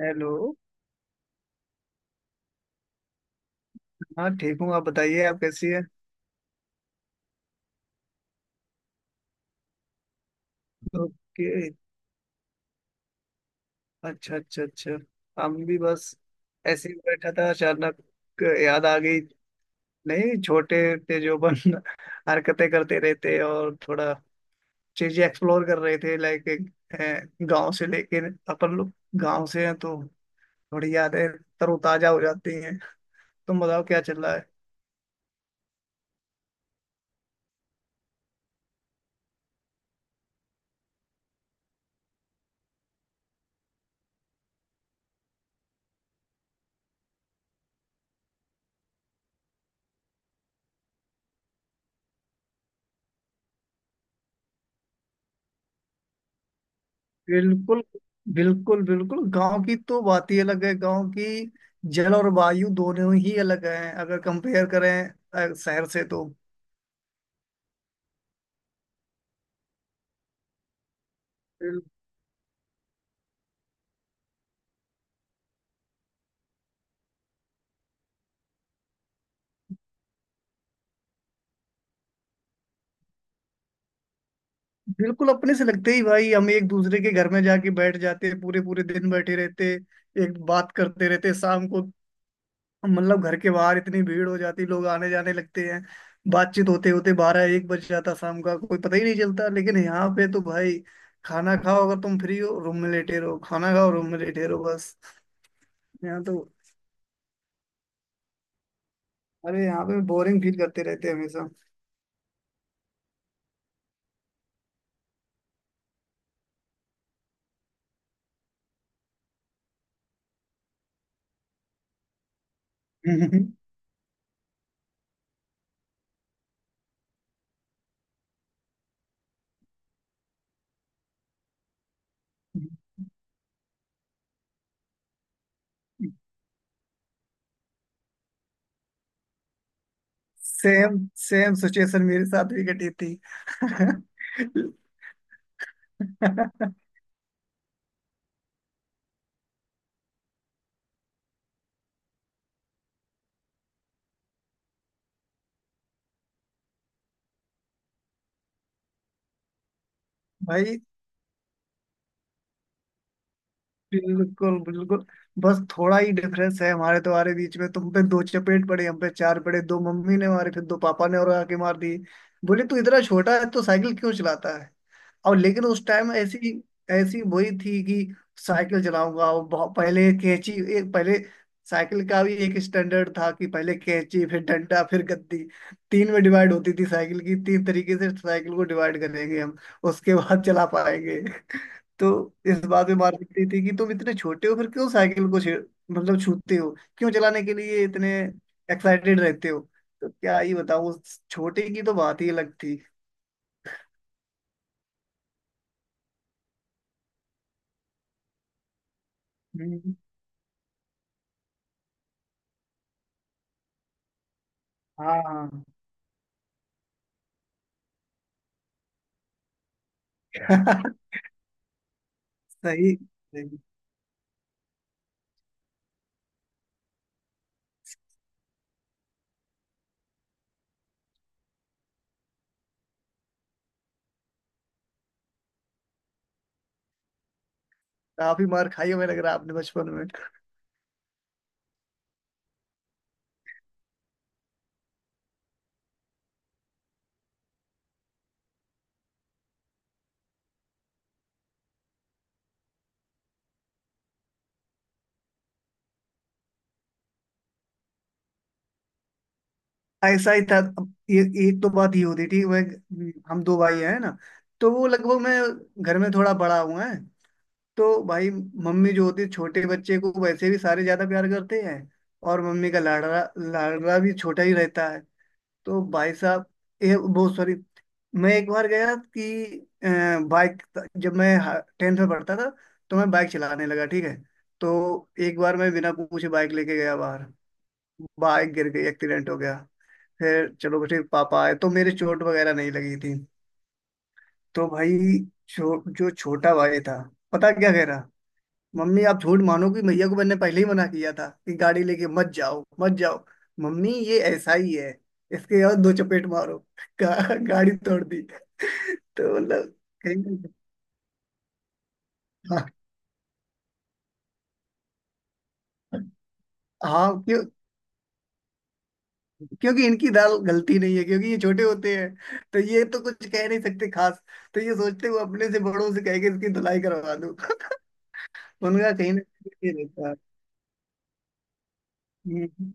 Hello. हाँ ठीक हूँ। आप बताइए आप कैसी है। ओके। अच्छा, अच्छा, अच्छा। हम भी बस ऐसे ही बैठा था, अचानक याद आ गई। नहीं, छोटे थे जो अपन हरकतें करते रहते, और थोड़ा चीजें एक्सप्लोर कर रहे थे लाइक गांव से। लेकिन अपन लोग गांव से हैं तो थोड़ी यादें तरोताजा हो जाती हैं। तुम बताओ क्या चल रहा है। बिल्कुल, बिल्कुल, बिल्कुल। गांव की तो बात ही अलग है। गांव की जल और वायु दोनों ही अलग हैं अगर कंपेयर करें शहर से तो। बिल- बिल्कुल अपने से लगते ही, भाई। हम एक दूसरे के घर में जाके बैठ जाते, पूरे पूरे दिन बैठे रहते, एक बात करते रहते। शाम को, मतलब घर के बाहर इतनी भीड़ हो जाती, लोग आने जाने लगते हैं। बातचीत होते होते बारह एक बज जाता, शाम का कोई पता ही नहीं चलता। लेकिन यहाँ पे तो भाई, खाना खाओ अगर तुम फ्री हो रूम में लेटे रहो, खाना खाओ रूम में लेटे रहो बस। यहाँ तो, अरे यहाँ पे बोरिंग फील करते रहते हैं हमेशा। हम्म। सेम सेम सिचुएशन मेरे साथ भी घटी थी। भाई, बिल्कुल, बिल्कुल। बस थोड़ा ही डिफरेंस है हमारे तुम्हारे बीच में। तुम पे दो चपेट पड़े, हम पे चार पड़े। दो मम्मी ने मारे, फिर दो पापा ने और आके मार दिए। बोले तू इतना छोटा है तो साइकिल क्यों चलाता है। और लेकिन उस टाइम ऐसी ऐसी वही थी कि साइकिल चलाऊंगा। और बहुत पहले कैंची, एक पहले, साइकिल का भी एक स्टैंडर्ड था कि पहले कैंची, फिर डंडा, फिर गद्दी। तीन में डिवाइड होती थी साइकिल की। तीन तरीके से साइकिल को डिवाइड करेंगे हम, उसके बाद चला पाएंगे। तो इस बात में मार पड़ती थी कि तुम इतने छोटे हो फिर क्यों साइकिल को छेड़, मतलब छूते हो, क्यों चलाने के लिए इतने एक्साइटेड रहते हो। तो क्या ही बताऊं, उस छोटे की तो बात ही अलग थी। हम्म। हाँ। हाँ। सही, सही। काफी मार खाई है मुझे लग रहा है आपने बचपन में। ऐसा ही था। अब ये, एक तो बात ये होती थी, वह हम दो भाई हैं ना, तो वो, लगभग मैं घर में थोड़ा बड़ा हुआ है। तो भाई, मम्मी जो होती है छोटे बच्चे को वैसे भी सारे ज्यादा प्यार करते हैं। और मम्मी का लाडला, लाडला भी छोटा ही रहता है। तो भाई साहब, ये बहुत, सॉरी, मैं एक बार गया कि अ, बाइक, जब मैं टेंथ में पढ़ता था तो मैं बाइक चलाने लगा, ठीक है। तो एक बार मैं बिना पूछे बाइक लेके गया बाहर। बाइक गिर गई, एक्सीडेंट हो गया। फिर चलो ठीक, पापा आए तो मेरे चोट वगैरह नहीं लगी थी। तो भाई, जो छोटा भाई था, पता क्या कह रहा, मम्मी आप झूठ मानोगी, भैया को मैंने पहले ही मना किया था कि गाड़ी लेके मत जाओ, मत जाओ। मम्मी, ये ऐसा ही है, इसके और दो चपेट मारो। गाड़ी तोड़ दी। तो मतलब। कहीं- हाँ। हाँ, क्यों। क्योंकि इनकी दाल गलती नहीं है, क्योंकि ये छोटे होते हैं तो ये तो कुछ कह नहीं सकते खास। तो ये सोचते हुए अपने से बड़ों से कह के इसकी धुलाई करवा दूं। उनका कहीं ना कहीं ये रहता है। हम्म।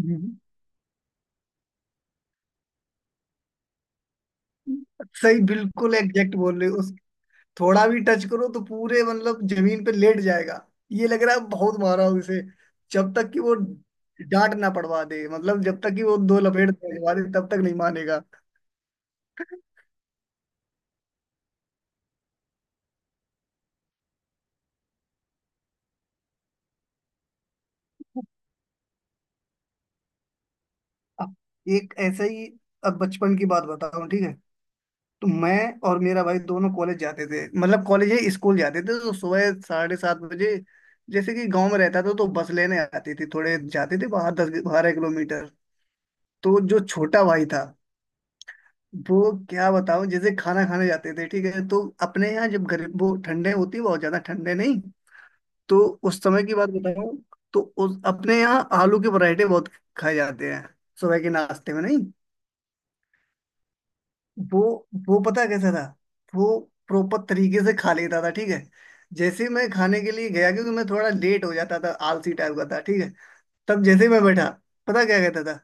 हम्म। सही, बिल्कुल एग्जैक्ट बोल रहे हो। उस, थोड़ा भी टच करो तो पूरे मतलब जमीन पे लेट जाएगा। ये लग रहा है बहुत मारा हूं इसे। जब तक कि वो डांट ना पड़वा दे, मतलब जब तक कि वो दो लपेट लगवा दे तब तक नहीं मानेगा। अब एक ऐसा ही, अब बचपन की बात बताऊं ठीक है। तो मैं और मेरा भाई दोनों कॉलेज जाते थे, मतलब कॉलेज ही स्कूल जाते थे, तो सुबह 7:30 बजे। जैसे कि गांव में रहता था तो बस लेने आती थी, थोड़े जाते थे बाहर 10-12 किलोमीटर। तो जो छोटा भाई था, वो क्या बताऊं, जैसे खाना खाने जाते थे ठीक है। तो अपने यहाँ जब गरीब, वो ठंडे होती है, बहुत ज्यादा ठंडे नहीं। तो उस समय की बात बताऊं, तो उस, अपने यहाँ आलू के पराठे बहुत खाए जाते हैं सुबह के नाश्ते में, नहीं। वो वो पता है कैसा था, वो प्रॉपर तरीके से खा लेता था, ठीक है। जैसे ही मैं खाने के लिए गया, क्योंकि मैं थोड़ा लेट हो जाता था, आलसी टाइप का था ठीक है। तब जैसे ही मैं बैठा, पता क्या कहता था,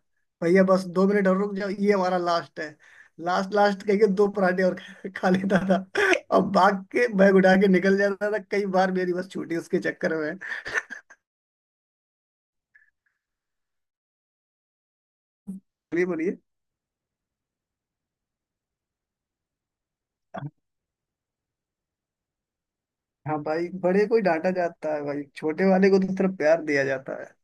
भैया बस 2 मिनट और रुक जाओ, ये हमारा लास्ट है। लास्ट लास्ट कह के दो पराठे और खा लेता था। अब भाग के बैग उठा के निकल जाता था, कई बार मेरी बस छूटी उसके चक्कर में। बोलिए, बोलिए। हाँ भाई, बड़े को ही डांटा जाता है भाई, छोटे वाले को तो सिर्फ प्यार दिया जाता है।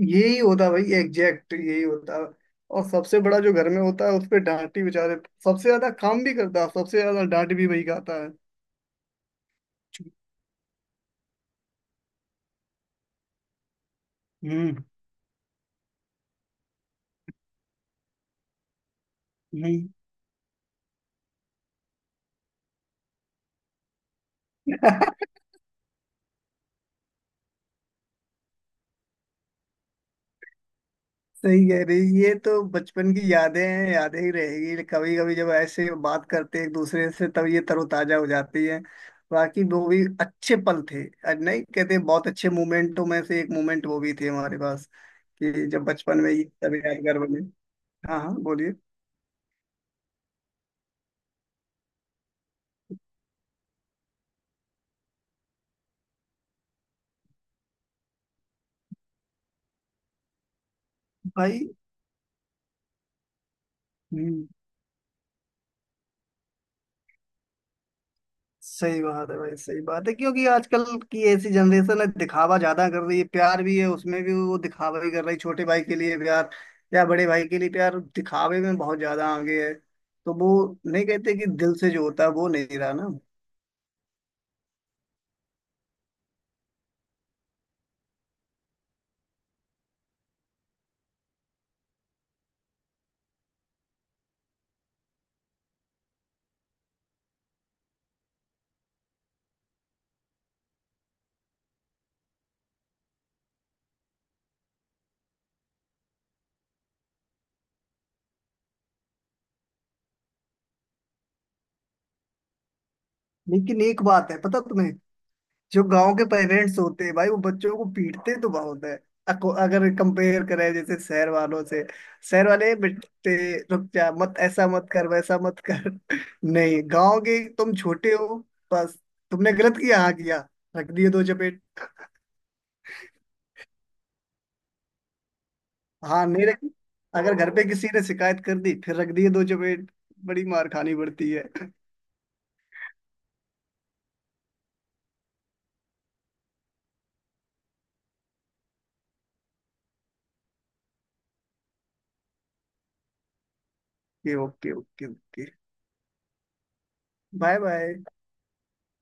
यही होता भाई, एग्जैक्ट यही होता। और सबसे बड़ा जो घर में होता है उस पे डांट ही, बेचारे सबसे ज्यादा काम भी करता है, सबसे ज्यादा डांट भी वही खाता है। हम्म, हम्म। सही कह रही, ये तो बचपन की यादें हैं, यादें ही रहेगी। कभी कभी जब ऐसे बात करते हैं एक दूसरे से, तब ये तरोताजा हो जाती है। बाकी वो भी अच्छे पल थे, और नहीं कहते हैं, बहुत अच्छे मोमेंटों में से एक मोमेंट वो भी थे हमारे पास, कि जब बचपन में ये सब यादगार बने। हाँ, हाँ, बोलिए। भाई। हम्म। सही बात है भाई, सही बात है, क्योंकि आजकल की ऐसी जनरेशन है, दिखावा ज्यादा कर रही है, प्यार भी है उसमें, भी वो दिखावा भी कर रही है, छोटे भाई के लिए प्यार या बड़े भाई के लिए प्यार दिखावे में बहुत ज्यादा आगे है, तो वो नहीं कहते कि दिल से जो होता है वो नहीं रहा ना। लेकिन एक बात है पता तुम्हें, जो गांव के पेरेंट्स होते हैं भाई, वो बच्चों को पीटते तो बहुत है। अगर कंपेयर करें जैसे शहर वालों से। शहर वाले, बेटे रुक जा, मत ऐसा मत कर, वैसा मत कर। नहीं, गांव के, तुम छोटे हो बस, तुमने गलत किया, हाँ किया, रख दिए दो चपेट। हाँ, नहीं रखी। अगर घर पे किसी ने शिकायत कर दी फिर रख दिए दो चपेट। बड़ी मार खानी पड़ती है। Okay, okay. Okay, okay. Bye, bye.